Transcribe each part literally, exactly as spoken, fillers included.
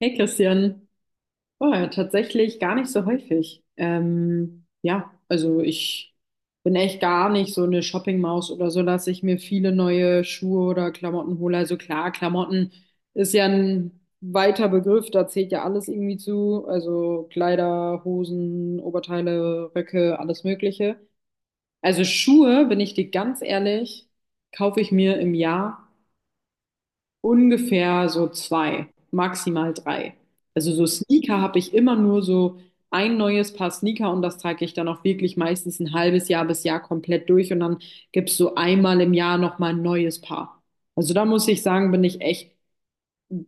Hey Christian, oh, ja, tatsächlich gar nicht so häufig. Ähm, ja, also ich bin echt gar nicht so eine Shoppingmaus oder so, dass ich mir viele neue Schuhe oder Klamotten hole. Also klar, Klamotten ist ja ein weiter Begriff, da zählt ja alles irgendwie zu. Also Kleider, Hosen, Oberteile, Röcke, alles Mögliche. Also Schuhe, bin ich dir ganz ehrlich, kaufe ich mir im Jahr ungefähr so zwei, maximal drei. Also so Sneaker habe ich immer nur so ein neues Paar Sneaker und das trage ich dann auch wirklich meistens ein halbes Jahr bis Jahr komplett durch und dann gibt es so einmal im Jahr nochmal ein neues Paar. Also da muss ich sagen, bin ich echt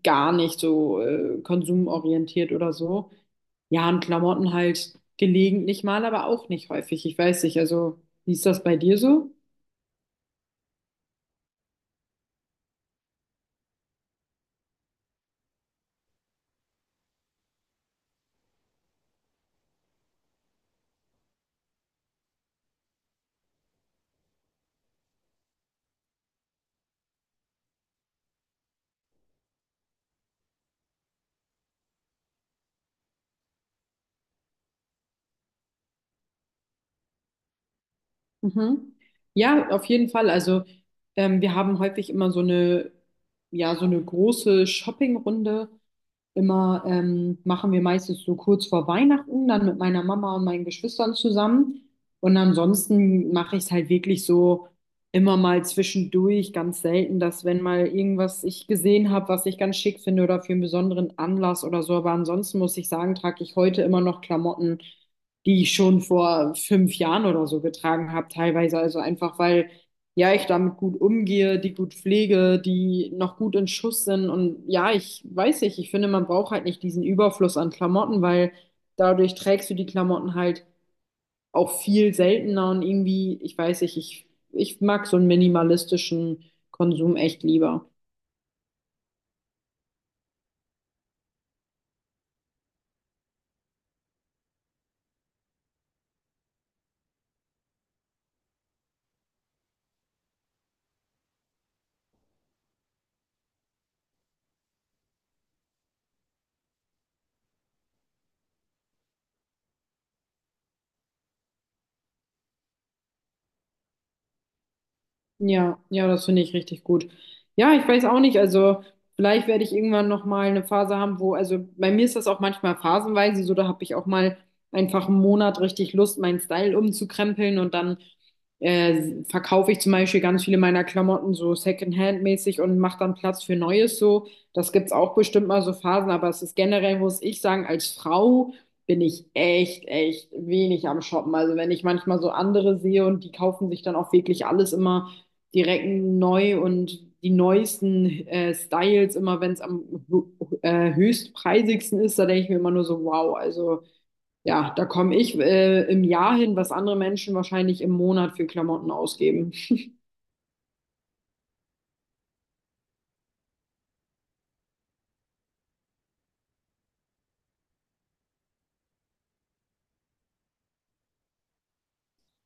gar nicht so äh, konsumorientiert oder so. Ja, und Klamotten halt gelegentlich mal, aber auch nicht häufig. Ich weiß nicht, also wie ist das bei dir so? Mhm. Ja, auf jeden Fall. Also ähm, wir haben häufig immer so eine, ja, so eine große Shoppingrunde immer, ähm, machen wir meistens so kurz vor Weihnachten, dann mit meiner Mama und meinen Geschwistern zusammen. Und ansonsten mache ich es halt wirklich so immer mal zwischendurch, ganz selten, dass wenn mal irgendwas ich gesehen habe, was ich ganz schick finde oder für einen besonderen Anlass oder so. Aber ansonsten muss ich sagen, trage ich heute immer noch Klamotten, die ich schon vor fünf Jahren oder so getragen habe, teilweise. Also einfach, weil ja, ich damit gut umgehe, die gut pflege, die noch gut in Schuss sind. Und ja, ich weiß nicht, ich finde, man braucht halt nicht diesen Überfluss an Klamotten, weil dadurch trägst du die Klamotten halt auch viel seltener und irgendwie, ich weiß nicht, ich, ich mag so einen minimalistischen Konsum echt lieber. Ja, ja, das finde ich richtig gut. Ja, ich weiß auch nicht, also vielleicht werde ich irgendwann noch mal eine Phase haben, wo, also bei mir ist das auch manchmal phasenweise so, da habe ich auch mal einfach einen Monat richtig Lust, meinen Style umzukrempeln und dann äh, verkaufe ich zum Beispiel ganz viele meiner Klamotten so Secondhand-mäßig und mache dann Platz für Neues so. Das gibt's auch bestimmt mal so Phasen, aber es ist generell, muss ich sagen, als Frau bin ich echt, echt wenig am Shoppen. Also wenn ich manchmal so andere sehe und die kaufen sich dann auch wirklich alles immer direkt neu und die neuesten äh, Styles, immer wenn es am hö- äh, höchstpreisigsten ist, da denke ich mir immer nur so, wow, also ja, da komme ich äh, im Jahr hin, was andere Menschen wahrscheinlich im Monat für Klamotten ausgeben.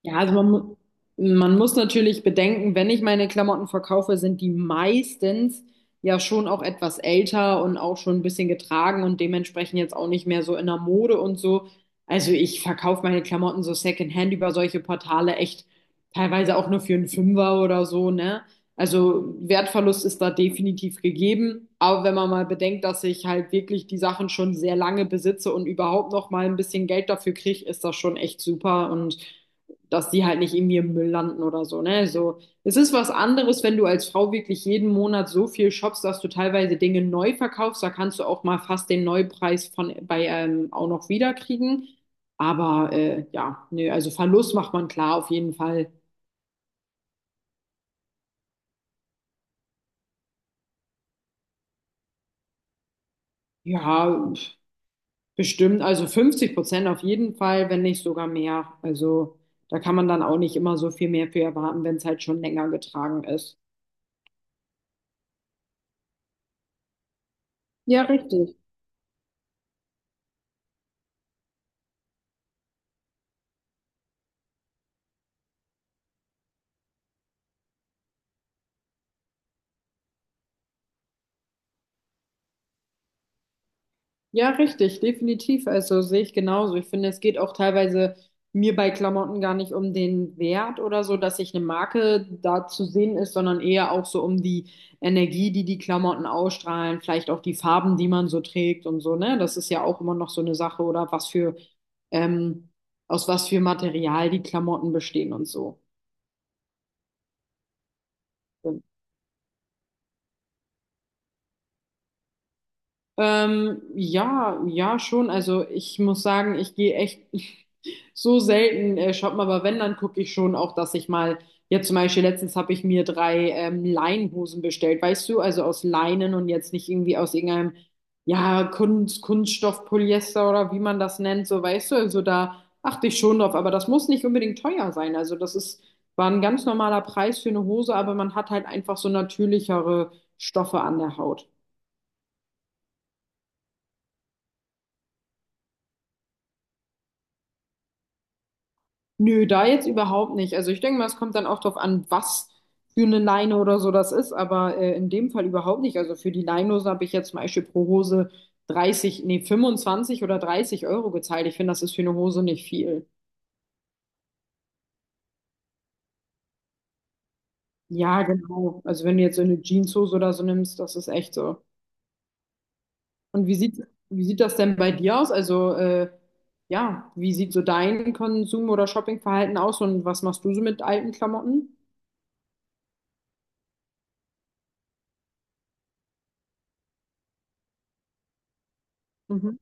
Ja, also man, mu- man muss natürlich bedenken, wenn ich meine Klamotten verkaufe, sind die meistens ja schon auch etwas älter und auch schon ein bisschen getragen und dementsprechend jetzt auch nicht mehr so in der Mode und so. Also ich verkaufe meine Klamotten so Secondhand über solche Portale echt teilweise auch nur für einen Fünfer oder so, ne? Also Wertverlust ist da definitiv gegeben, aber wenn man mal bedenkt, dass ich halt wirklich die Sachen schon sehr lange besitze und überhaupt noch mal ein bisschen Geld dafür kriege, ist das schon echt super und dass die halt nicht irgendwie im Müll landen oder so, ne? So, es ist was anderes, wenn du als Frau wirklich jeden Monat so viel shoppst, dass du teilweise Dinge neu verkaufst. Da kannst du auch mal fast den Neupreis von bei ähm, auch noch wiederkriegen. Aber äh, ja, nee, also Verlust macht man klar auf jeden Fall. Ja, pf, bestimmt, also fünfzig Prozent auf jeden Fall, wenn nicht sogar mehr. Also da kann man dann auch nicht immer so viel mehr für erwarten, wenn es halt schon länger getragen ist. Ja, richtig. Ja, richtig, definitiv. Also sehe ich genauso. Ich finde, es geht auch teilweise mir bei Klamotten gar nicht um den Wert oder so, dass sich eine Marke da zu sehen ist, sondern eher auch so um die Energie, die die Klamotten ausstrahlen, vielleicht auch die Farben, die man so trägt und so, ne? Das ist ja auch immer noch so eine Sache oder was für, ähm, aus was für Material die Klamotten bestehen und so. Ähm, ja, ja, schon. Also ich muss sagen, ich gehe echt so selten äh, shoppen, aber wenn, dann gucke ich schon auch, dass ich mal, jetzt zum Beispiel letztens habe ich mir drei ähm, Leinhosen bestellt, weißt du, also aus Leinen und jetzt nicht irgendwie aus irgendeinem, ja, Kunst, Kunststoff, Polyester oder wie man das nennt, so weißt du, also da achte ich schon drauf, aber das muss nicht unbedingt teuer sein. Also das ist, war ein ganz normaler Preis für eine Hose, aber man hat halt einfach so natürlichere Stoffe an der Haut. Nö, da jetzt überhaupt nicht. Also ich denke mal, es kommt dann auch drauf an, was für eine Leine oder so das ist, aber äh, in dem Fall überhaupt nicht. Also für die Leinenhose habe ich jetzt zum Beispiel pro Hose dreißig, nee, fünfundzwanzig oder dreißig Euro gezahlt. Ich finde, das ist für eine Hose nicht viel. Ja, genau. Also wenn du jetzt so eine Jeanshose oder so nimmst, das ist echt so. Und wie sieht, wie sieht das denn bei dir aus? Also äh, ja, wie sieht so dein Konsum- oder Shoppingverhalten aus und was machst du so mit alten Klamotten? Mhm.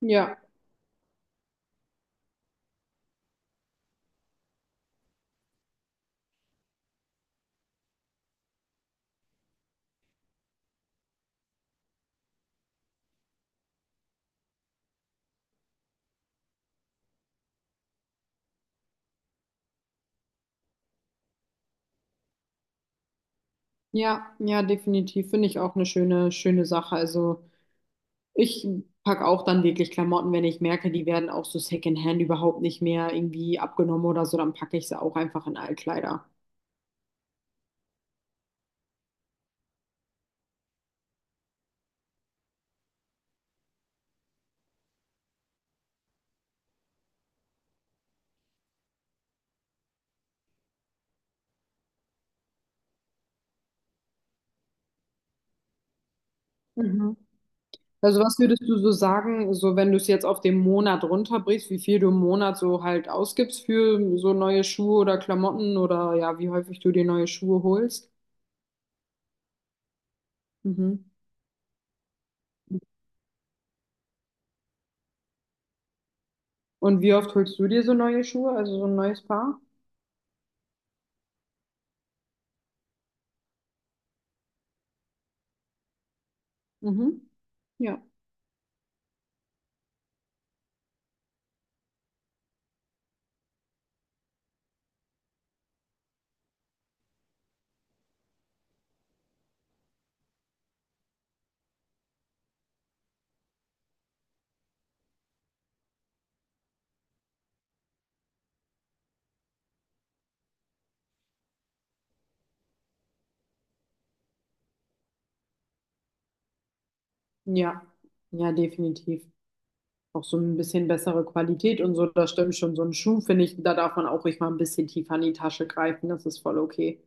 Ja. Ja, ja, definitiv. Finde ich auch eine schöne, schöne Sache. Also ich packe auch dann wirklich Klamotten, wenn ich merke, die werden auch so Secondhand überhaupt nicht mehr irgendwie abgenommen oder so, dann packe ich sie auch einfach in Altkleider. Mhm. Also was würdest du so sagen, so wenn du es jetzt auf den Monat runterbrichst, wie viel du im Monat so halt ausgibst für so neue Schuhe oder Klamotten oder ja, wie häufig du dir neue Schuhe holst? Mhm. Und wie oft holst du dir so neue Schuhe, also so ein neues Paar? Mhm. Ja. Ja, ja, definitiv. Auch so ein bisschen bessere Qualität und so, das stimmt schon. So ein Schuh, finde ich, da darf man auch ruhig mal ein bisschen tiefer in die Tasche greifen. Das ist voll okay.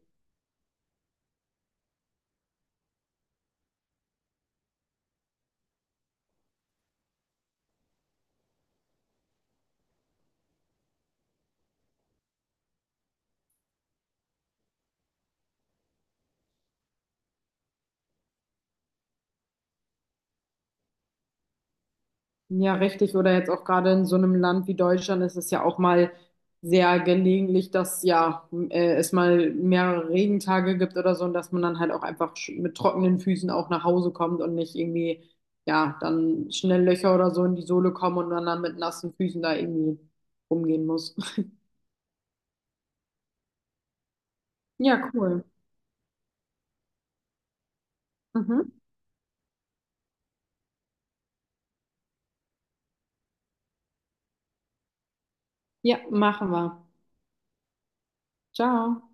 Ja, richtig. Oder jetzt auch gerade in so einem Land wie Deutschland ist es ja auch mal sehr gelegentlich, dass ja äh, es mal mehrere Regentage gibt oder so und dass man dann halt auch einfach sch- mit trockenen Füßen auch nach Hause kommt und nicht irgendwie, ja, dann schnell Löcher oder so in die Sohle kommen und man dann mit nassen Füßen da irgendwie rumgehen muss. Ja, cool. Mhm. Ja, machen wir. Ciao.